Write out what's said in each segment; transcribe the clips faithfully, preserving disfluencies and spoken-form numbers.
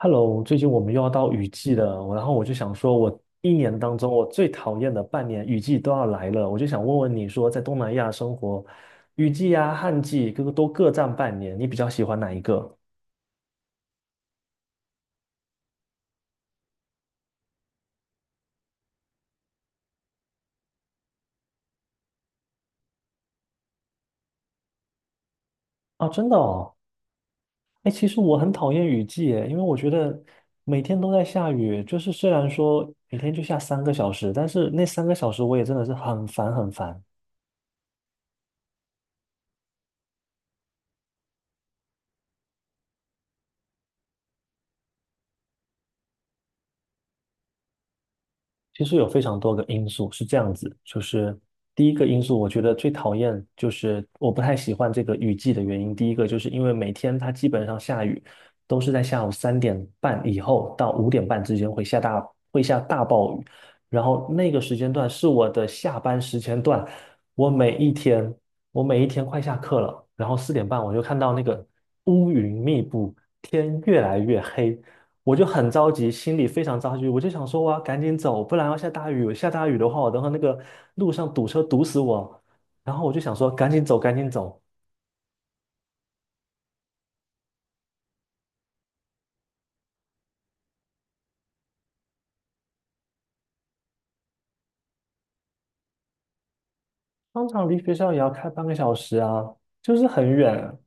Hello，最近我们又要到雨季了，我然后我就想说，我一年当中我最讨厌的半年雨季都要来了，我就想问问你说，在东南亚生活，雨季啊、旱季各个都各占半年，你比较喜欢哪一个？啊，真的哦，哎，其实我很讨厌雨季耶，因为我觉得每天都在下雨，就是虽然说每天就下三个小时，但是那三个小时我也真的是很烦很烦。其实有非常多个因素是这样子，就是第一个因素，我觉得最讨厌就是我不太喜欢这个雨季的原因。第一个就是因为每天它基本上下雨都是在下午三点半以后到五点半之间会下大会下大暴雨，然后那个时间段是我的下班时间段，我每一天我每一天快下课了，然后四点半我就看到那个乌云密布，天越来越黑，我就很着急，心里非常着急，我就想说我要赶紧走，不然要下大雨，下大雨的话，我等会那个路上堵车堵死我。然后我就想说赶紧走，赶紧走，商场离学校也要开半个小时啊，就是很远。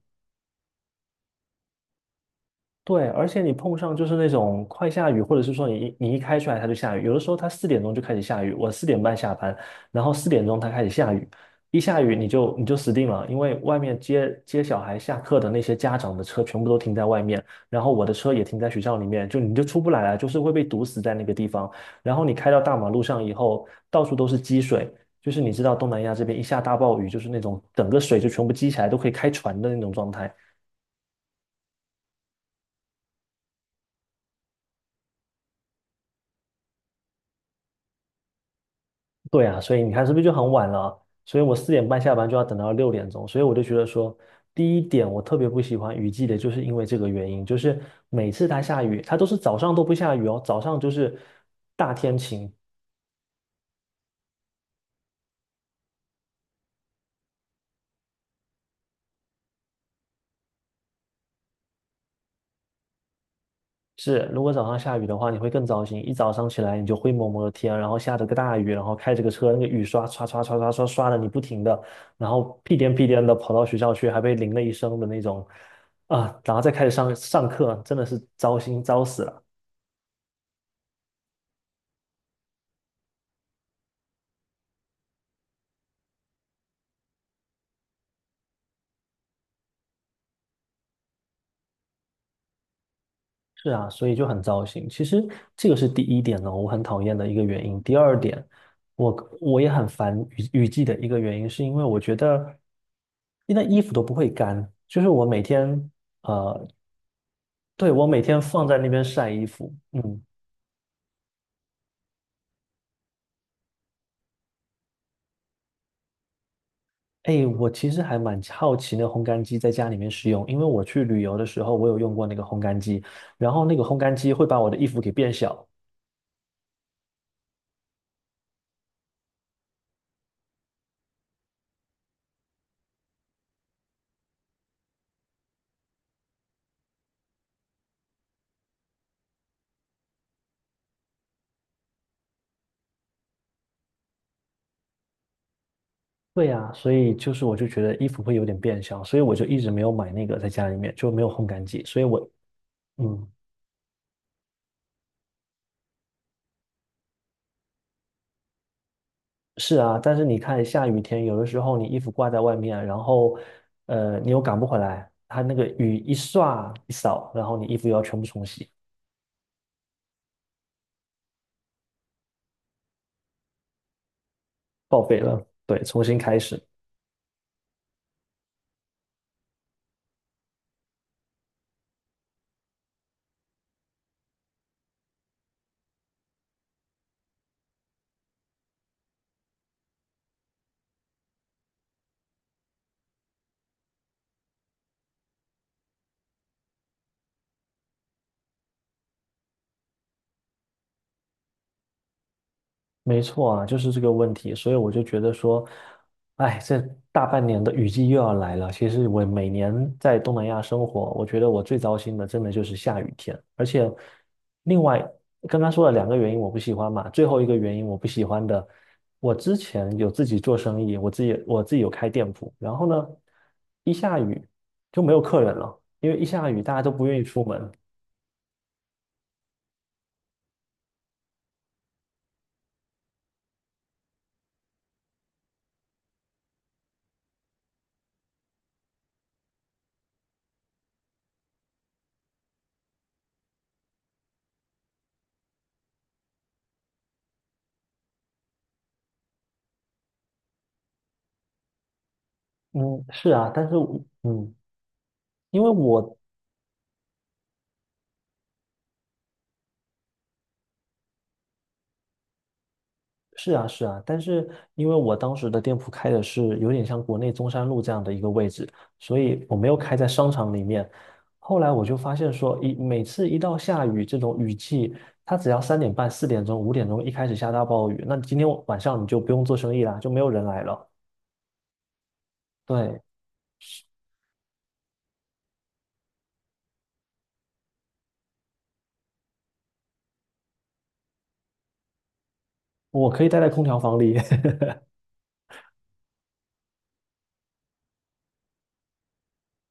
对，而且你碰上就是那种快下雨，或者是说你一你一开出来它就下雨，有的时候它四点钟就开始下雨，我四点半下班，然后四点钟它开始下雨，一下雨你就你就死定了，因为外面接接小孩下课的那些家长的车全部都停在外面，然后我的车也停在学校里面，就你就出不来了，就是会被堵死在那个地方。然后你开到大马路上以后，到处都是积水，就是你知道东南亚这边一下大暴雨，就是那种整个水就全部积起来，都可以开船的那种状态。对啊，所以你看是不是就很晚了？所以我四点半下班就要等到六点钟，所以我就觉得说，第一点我特别不喜欢雨季的，就是因为这个原因，就是每次它下雨，它都是早上都不下雨哦，早上就是大天晴。是，如果早上下雨的话，你会更糟心，一早上起来你就灰蒙蒙的天，然后下着个大雨，然后开着个车，那个雨刷刷刷刷刷刷刷的你不停的，然后屁颠屁颠的跑到学校去，还被淋了一身的那种，啊，然后再开始上上课，真的是糟心糟死了。是啊，所以就很糟心。其实这个是第一点呢，我很讨厌的一个原因。第二点，我我也很烦雨雨季的一个原因，是因为我觉得那衣服都不会干，就是我每天呃，对，我每天放在那边晒衣服。嗯，哎，我其实还蛮好奇那个烘干机在家里面使用，因为我去旅游的时候，我有用过那个烘干机，然后那个烘干机会把我的衣服给变小。对呀，所以就是我就觉得衣服会有点变小，所以我就一直没有买那个在家里面，就没有烘干机。所以我，嗯，是啊，但是你看下雨天，有的时候你衣服挂在外面，然后，呃，你又赶不回来，它那个雨一刷一扫，然后你衣服又要全部重洗，报废了，对，重新开始。没错啊，就是这个问题，所以我就觉得说，哎，这大半年的雨季又要来了。其实我每年在东南亚生活，我觉得我最糟心的真的就是下雨天，而且另外刚刚说了两个原因我不喜欢嘛，最后一个原因我不喜欢的，我之前有自己做生意，我自己我自己有开店铺，然后呢，一下雨就没有客人了，因为一下雨大家都不愿意出门。嗯，是啊，但是我嗯，因为我是啊，是啊，但是因为我当时的店铺开的是有点像国内中山路这样的一个位置，所以我没有开在商场里面。后来我就发现说，一每次一到下雨这种雨季，它只要三点半、四点钟、五点钟一开始下大暴雨，那今天晚上你就不用做生意啦，就没有人来了。对，我可以待在空调房里。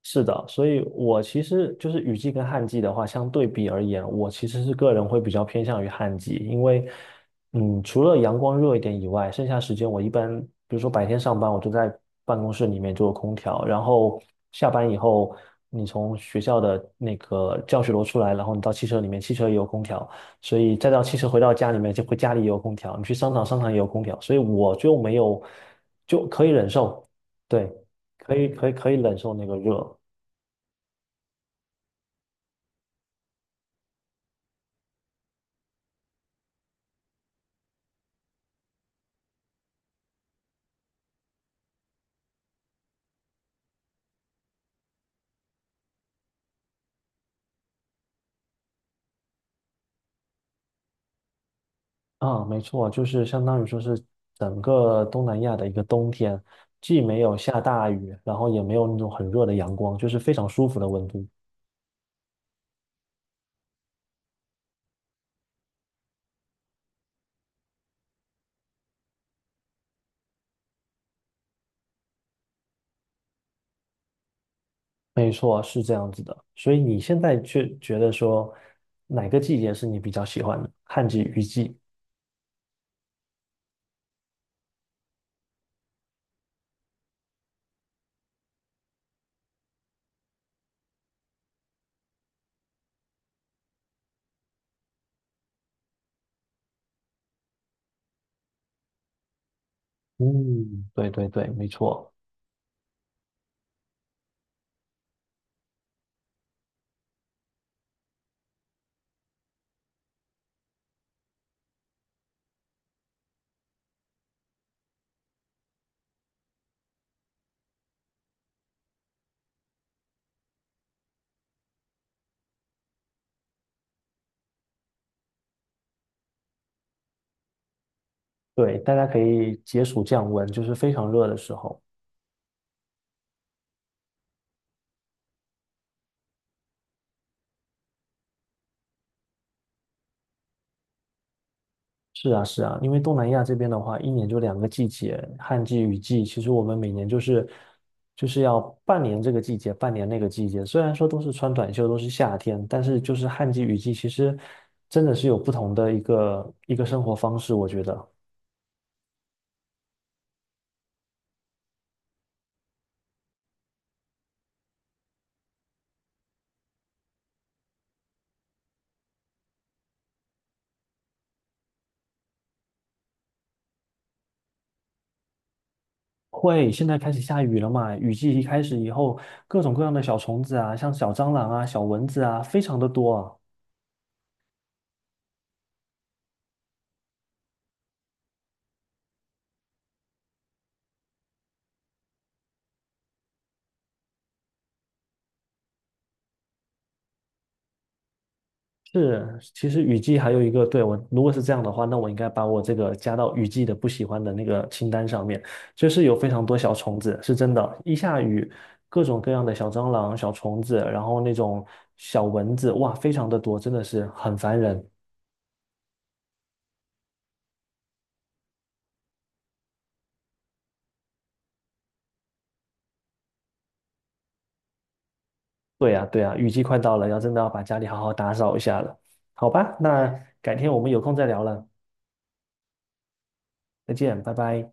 是的，所以我其实就是雨季跟旱季的话，相对比而言，我其实是个人会比较偏向于旱季，因为，嗯，除了阳光热一点以外，剩下时间我一般，比如说白天上班，我就在办公室里面就有空调，然后下班以后，你从学校的那个教学楼出来，然后你到汽车里面，汽车也有空调，所以再到汽车回到家里面，就会家里也有空调，你去商场，商场也有空调，所以我就没有，就可以忍受，对，可以可以可以忍受那个热。啊，没错，就是相当于说是整个东南亚的一个冬天，既没有下大雨，然后也没有那种很热的阳光，就是非常舒服的温度。没错，是这样子的。所以你现在却觉得说哪个季节是你比较喜欢的？旱季、雨季？嗯，对对对，没错。对，大家可以解暑降温，就是非常热的时候。是啊，是啊，因为东南亚这边的话，一年就两个季节，旱季、雨季。其实我们每年就是就是要半年这个季节，半年那个季节。虽然说都是穿短袖，都是夏天，但是就是旱季、雨季，其实真的是有不同的一个一个生活方式。我觉得会，现在开始下雨了嘛，雨季一开始以后，各种各样的小虫子啊，像小蟑螂啊、小蚊子啊，非常的多啊。是，其实雨季还有一个，对，我如果是这样的话，那我应该把我这个加到雨季的不喜欢的那个清单上面。就是有非常多小虫子，是真的，一下雨，各种各样的小蟑螂、小虫子，然后那种小蚊子，哇，非常的多，真的是很烦人。对呀，对呀，雨季快到了，要真的要把家里好好打扫一下了。好吧，那改天我们有空再聊了，再见，拜拜。